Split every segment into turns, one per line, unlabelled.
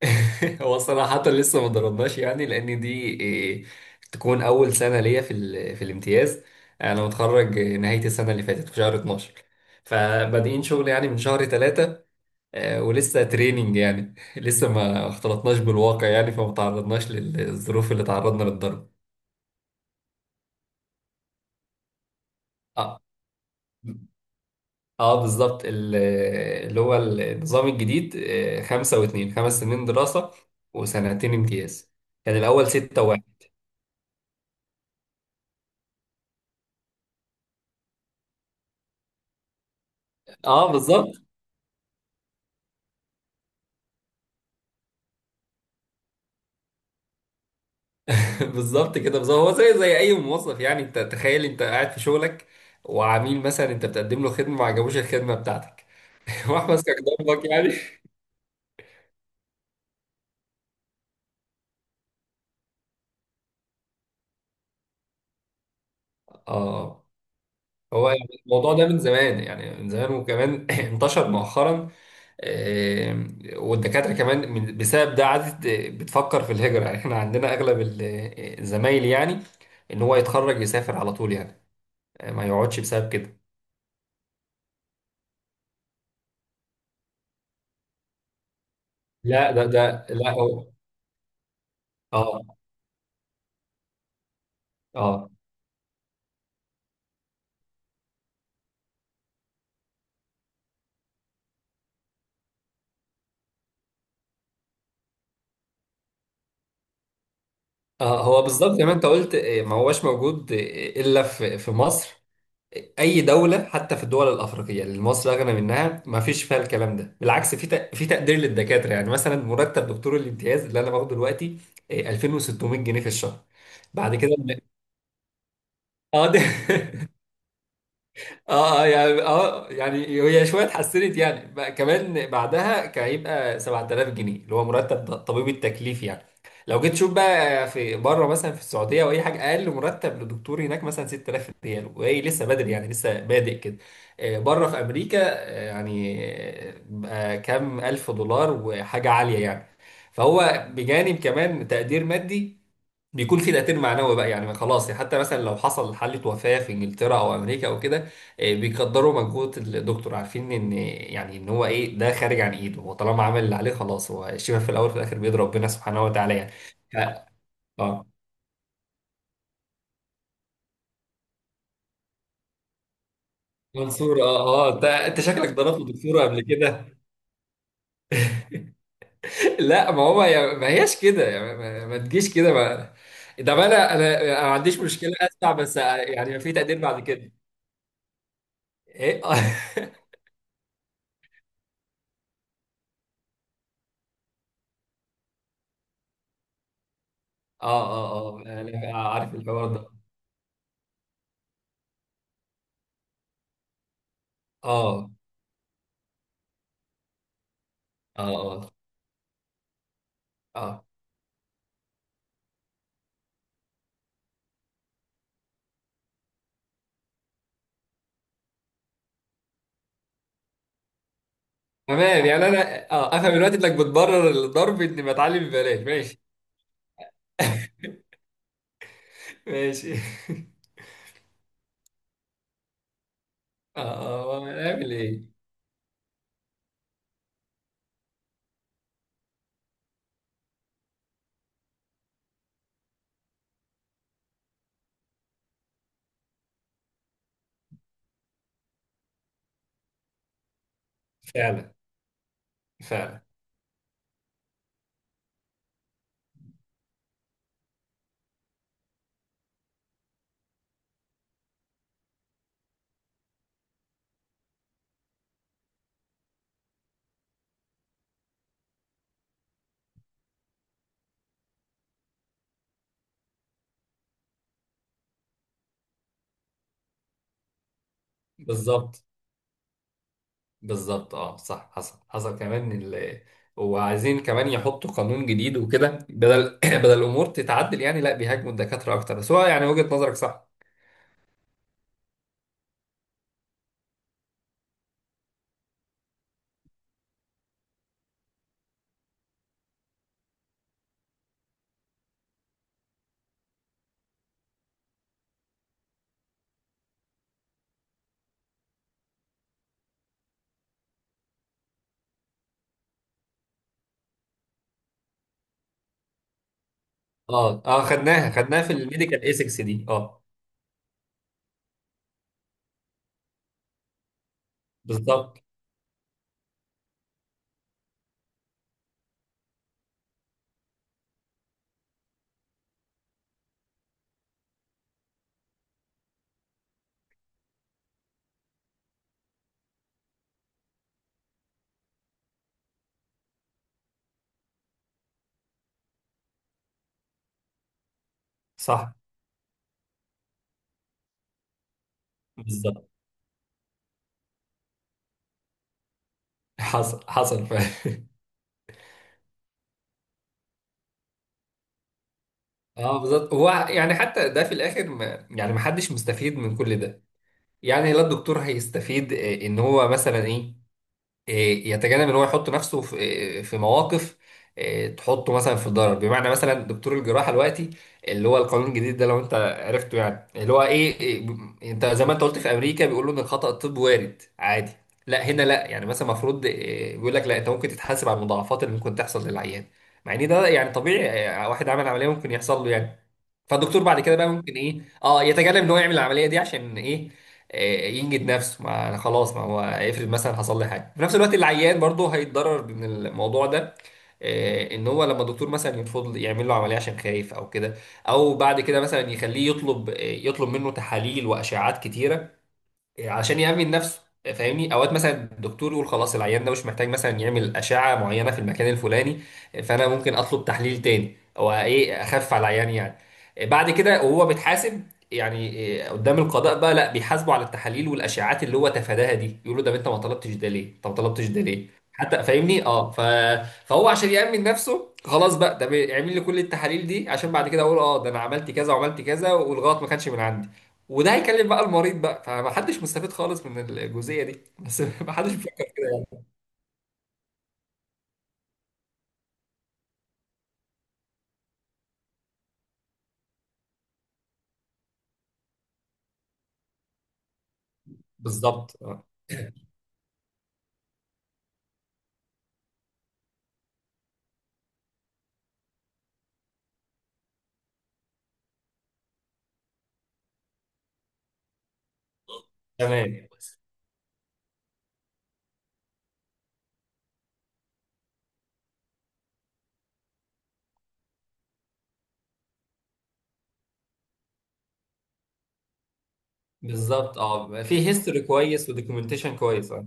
هو صراحة لسه ما ضربناش يعني لأن دي إيه، تكون أول سنة ليا في في الامتياز. أنا متخرج نهاية السنة اللي فاتت في شهر 12، فبادئين شغل يعني من شهر 3. ولسه تريننج يعني لسه ما اختلطناش بالواقع يعني فما تعرضناش للظروف اللي تعرضنا للضرب. اه اه، بالظبط اللي هو النظام الجديد، خمسة واتنين، 5 سنين دراسة وسنتين امتياز. كان الأول ستة وواحد. اه، بالظبط. بالظبط كده بالظبط، هو زي اي موظف يعني. انت تخيل انت قاعد في شغلك وعميل مثلا انت بتقدم له خدمه ما عجبوش الخدمه بتاعتك. واحمد استخدمك يعني. اه، هو يعني الموضوع ده من زمان، يعني من زمان، وكمان انتشر مؤخرا. آه، والدكاتره كمان بسبب ده عادت بتفكر في الهجره. يعني احنا عندنا اغلب الزمايل يعني ان هو يتخرج يسافر على طول يعني، ما يقعدش بسبب كده. لا، ده لا هو. اه اه، هو بالظبط زي ما انت قلت، ما هوش موجود الا في مصر. اي دوله، حتى في الدول الافريقيه اللي مصر اغنى منها، ما فيش فيها الكلام ده. بالعكس، في في تقدير للدكاتره يعني. مثلا مرتب دكتور الامتياز اللي انا باخده دلوقتي 2600 جنيه في الشهر. بعد كده اه، ده اه يعني، هي شويه اتحسنت يعني بقى، كمان بعدها كان هيبقى 7000 جنيه اللي هو مرتب طبيب التكليف يعني. لو جيت تشوف بقى في بره مثلا، في السعوديه او اي حاجه، اقل مرتب لدكتور هناك مثلا 6000 ريال، وهي لسه بدري يعني لسه بادئ كده. بره في امريكا، بقى كام الف دولار وحاجه عاليه يعني. فهو بجانب كمان تقدير مادي، بيكون في تأثير معنوي بقى يعني. خلاص، حتى مثلا لو حصل حالة وفاة في انجلترا او امريكا او كده، بيقدروا مجهود الدكتور، عارفين ان يعني ان هو ايه، ده خارج عن ايده. هو طالما عمل اللي عليه خلاص، هو الشفاء في الاول وفي الاخر بيد ربنا سبحانه وتعالى يعني. ف- اه منصور، اه اه، انت شكلك ضربت الدكتوره قبل كده. لا، ما هو ما هياش كده يعني، ما تجيش كده ما. ده ما انا ما عنديش مشكله، اسمع بس، يعني ما في تقدير بعد كده. ايه اه اه اه، انا عارف الحوار ده. اه اه اه اه، تمام يعني. انا افهم دلوقتي انك بتبرر الضرب اني بتعلم ببلاش، ماشي ماشي. اه اه، اعمل ايه. فعلا، فعلا. بالظبط بالظبط، اه، صح. حصل، حصل كمان وعايزين كمان يحطوا قانون جديد وكده، بدل بدل الامور تتعدل يعني، لا بيهاجموا الدكاتره اكتر. بس هو يعني، وجهه نظرك صح. اه اه، خدناها في الميديكال ايثكس دي، اه. بالظبط، صح، بالظبط. حصل، حصل اه بالظبط. هو يعني حتى ده في الاخر ما يعني، ما حدش مستفيد من كل ده يعني. لا الدكتور هيستفيد، ان هو مثلا ايه، يتجنب ان هو يحط نفسه في، في مواقف، تحطه مثلا في ضرر. بمعنى مثلا دكتور الجراحه دلوقتي، اللي هو القانون الجديد ده، لو انت عرفته يعني، اللي هو ايه، انت زي ما انت قلت في امريكا بيقولوا ان الخطا الطبي وارد عادي. لا هنا لا، يعني مثلا المفروض، بيقول لك لا، انت ممكن تتحاسب على المضاعفات اللي ممكن تحصل للعيان. مع ان ده يعني طبيعي، واحد عمل عمليه ممكن يحصل له يعني. فالدكتور بعد كده بقى ممكن ايه اه يتجنب ان هو يعمل العمليه دي، عشان ايه، ينجد نفسه. ما أنا خلاص، ما هو افرض مثلا حصل لي حاجه. في نفس الوقت العيان برضه هيتضرر من الموضوع ده، ان هو لما الدكتور مثلا يرفض يعمل له عمليه عشان خايف او كده، او بعد كده مثلا يخليه يطلب، يطلب منه تحاليل واشعات كتيره عشان يأمن نفسه. فاهمني، اوقات مثلا الدكتور يقول خلاص العيان ده مش محتاج مثلا يعمل اشعه معينه في المكان الفلاني، فانا ممكن اطلب تحليل تاني او ايه اخف على العيان يعني. بعد كده وهو بيتحاسب يعني، قدام القضاء بقى، لا بيحاسبوا على التحاليل والاشعاعات اللي هو تفاداها دي. يقولوا ده انت ما طلبتش ده ليه، انت ما طلبتش ده ليه، حتى، فاهمني اه فهو عشان يأمن نفسه خلاص بقى ده بيعمل لي كل التحاليل دي، عشان بعد كده اقول اه ده انا عملت كذا وعملت كذا والغلط ما كانش من عندي. وده هيكلم بقى المريض بقى. فمحدش مستفيد خالص من الجزئيه دي، بس محدش بيفكر كده يعني. بالظبط. تمام، بالظبط. اه، في هيستوري كويس ودوكيومنتيشن كويس، اه.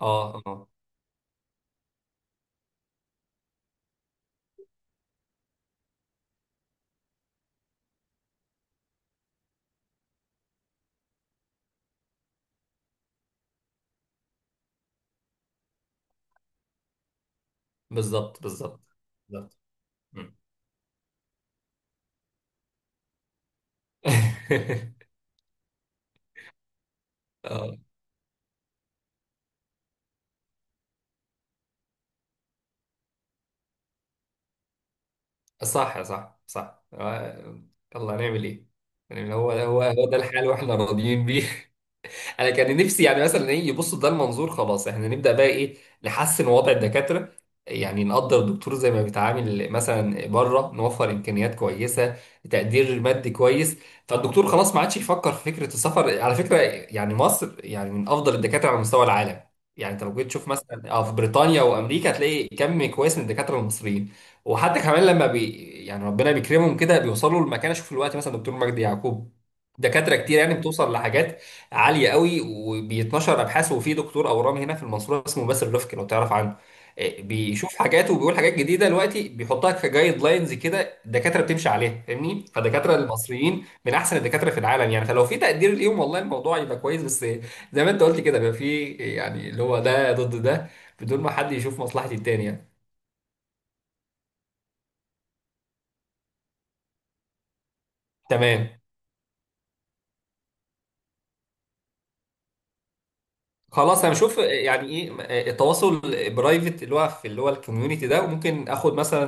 اه آه. بالظبط، بالظبط، بالظبط. مم. اه، صح صح صح، يلا هنعمل ايه. يعني هو ده الحال واحنا راضيين بيه. انا كان نفسي يعني مثلا ايه، يبصوا ده المنظور. خلاص، احنا نبدا بقى، ايه، نحسن وضع الدكاتره. يعني نقدر الدكتور زي ما بيتعامل مثلا بره، نوفر امكانيات كويسه، تقدير مادي كويس. فالدكتور خلاص ما عادش يفكر في فكره السفر على فكره. يعني مصر يعني من افضل الدكاتره على مستوى العالم. يعني انت لو جيت تشوف مثلا، في بريطانيا وامريكا، هتلاقي كم كويس من الدكاتره المصريين. وحتى كمان لما يعني ربنا بيكرمهم كده بيوصلوا لمكانه. شوف الوقت مثلا دكتور مجدي يعقوب، دكاتره كتير يعني بتوصل لحاجات عاليه قوي، وبيتنشر ابحاث. وفي دكتور اورام هنا في المنصوره اسمه باسل رفكي، لو تعرف عنه، بيشوف حاجات وبيقول حاجات جديده دلوقتي بيحطها كجايد لاينز كده الدكاتره بتمشي عليها، فاهمني. فالدكاتره المصريين من احسن الدكاتره في العالم يعني. فلو في تقدير ليهم، والله الموضوع يبقى كويس. بس زي ما انت قلت كده بيبقى في يعني اللي هو ده ضد ده، بدون ما حد يشوف مصلحه التاني يعني. تمام. خلاص انا بشوف يعني ايه، التواصل برايفت اللي هو الكوميونتي ده، وممكن اخد مثلا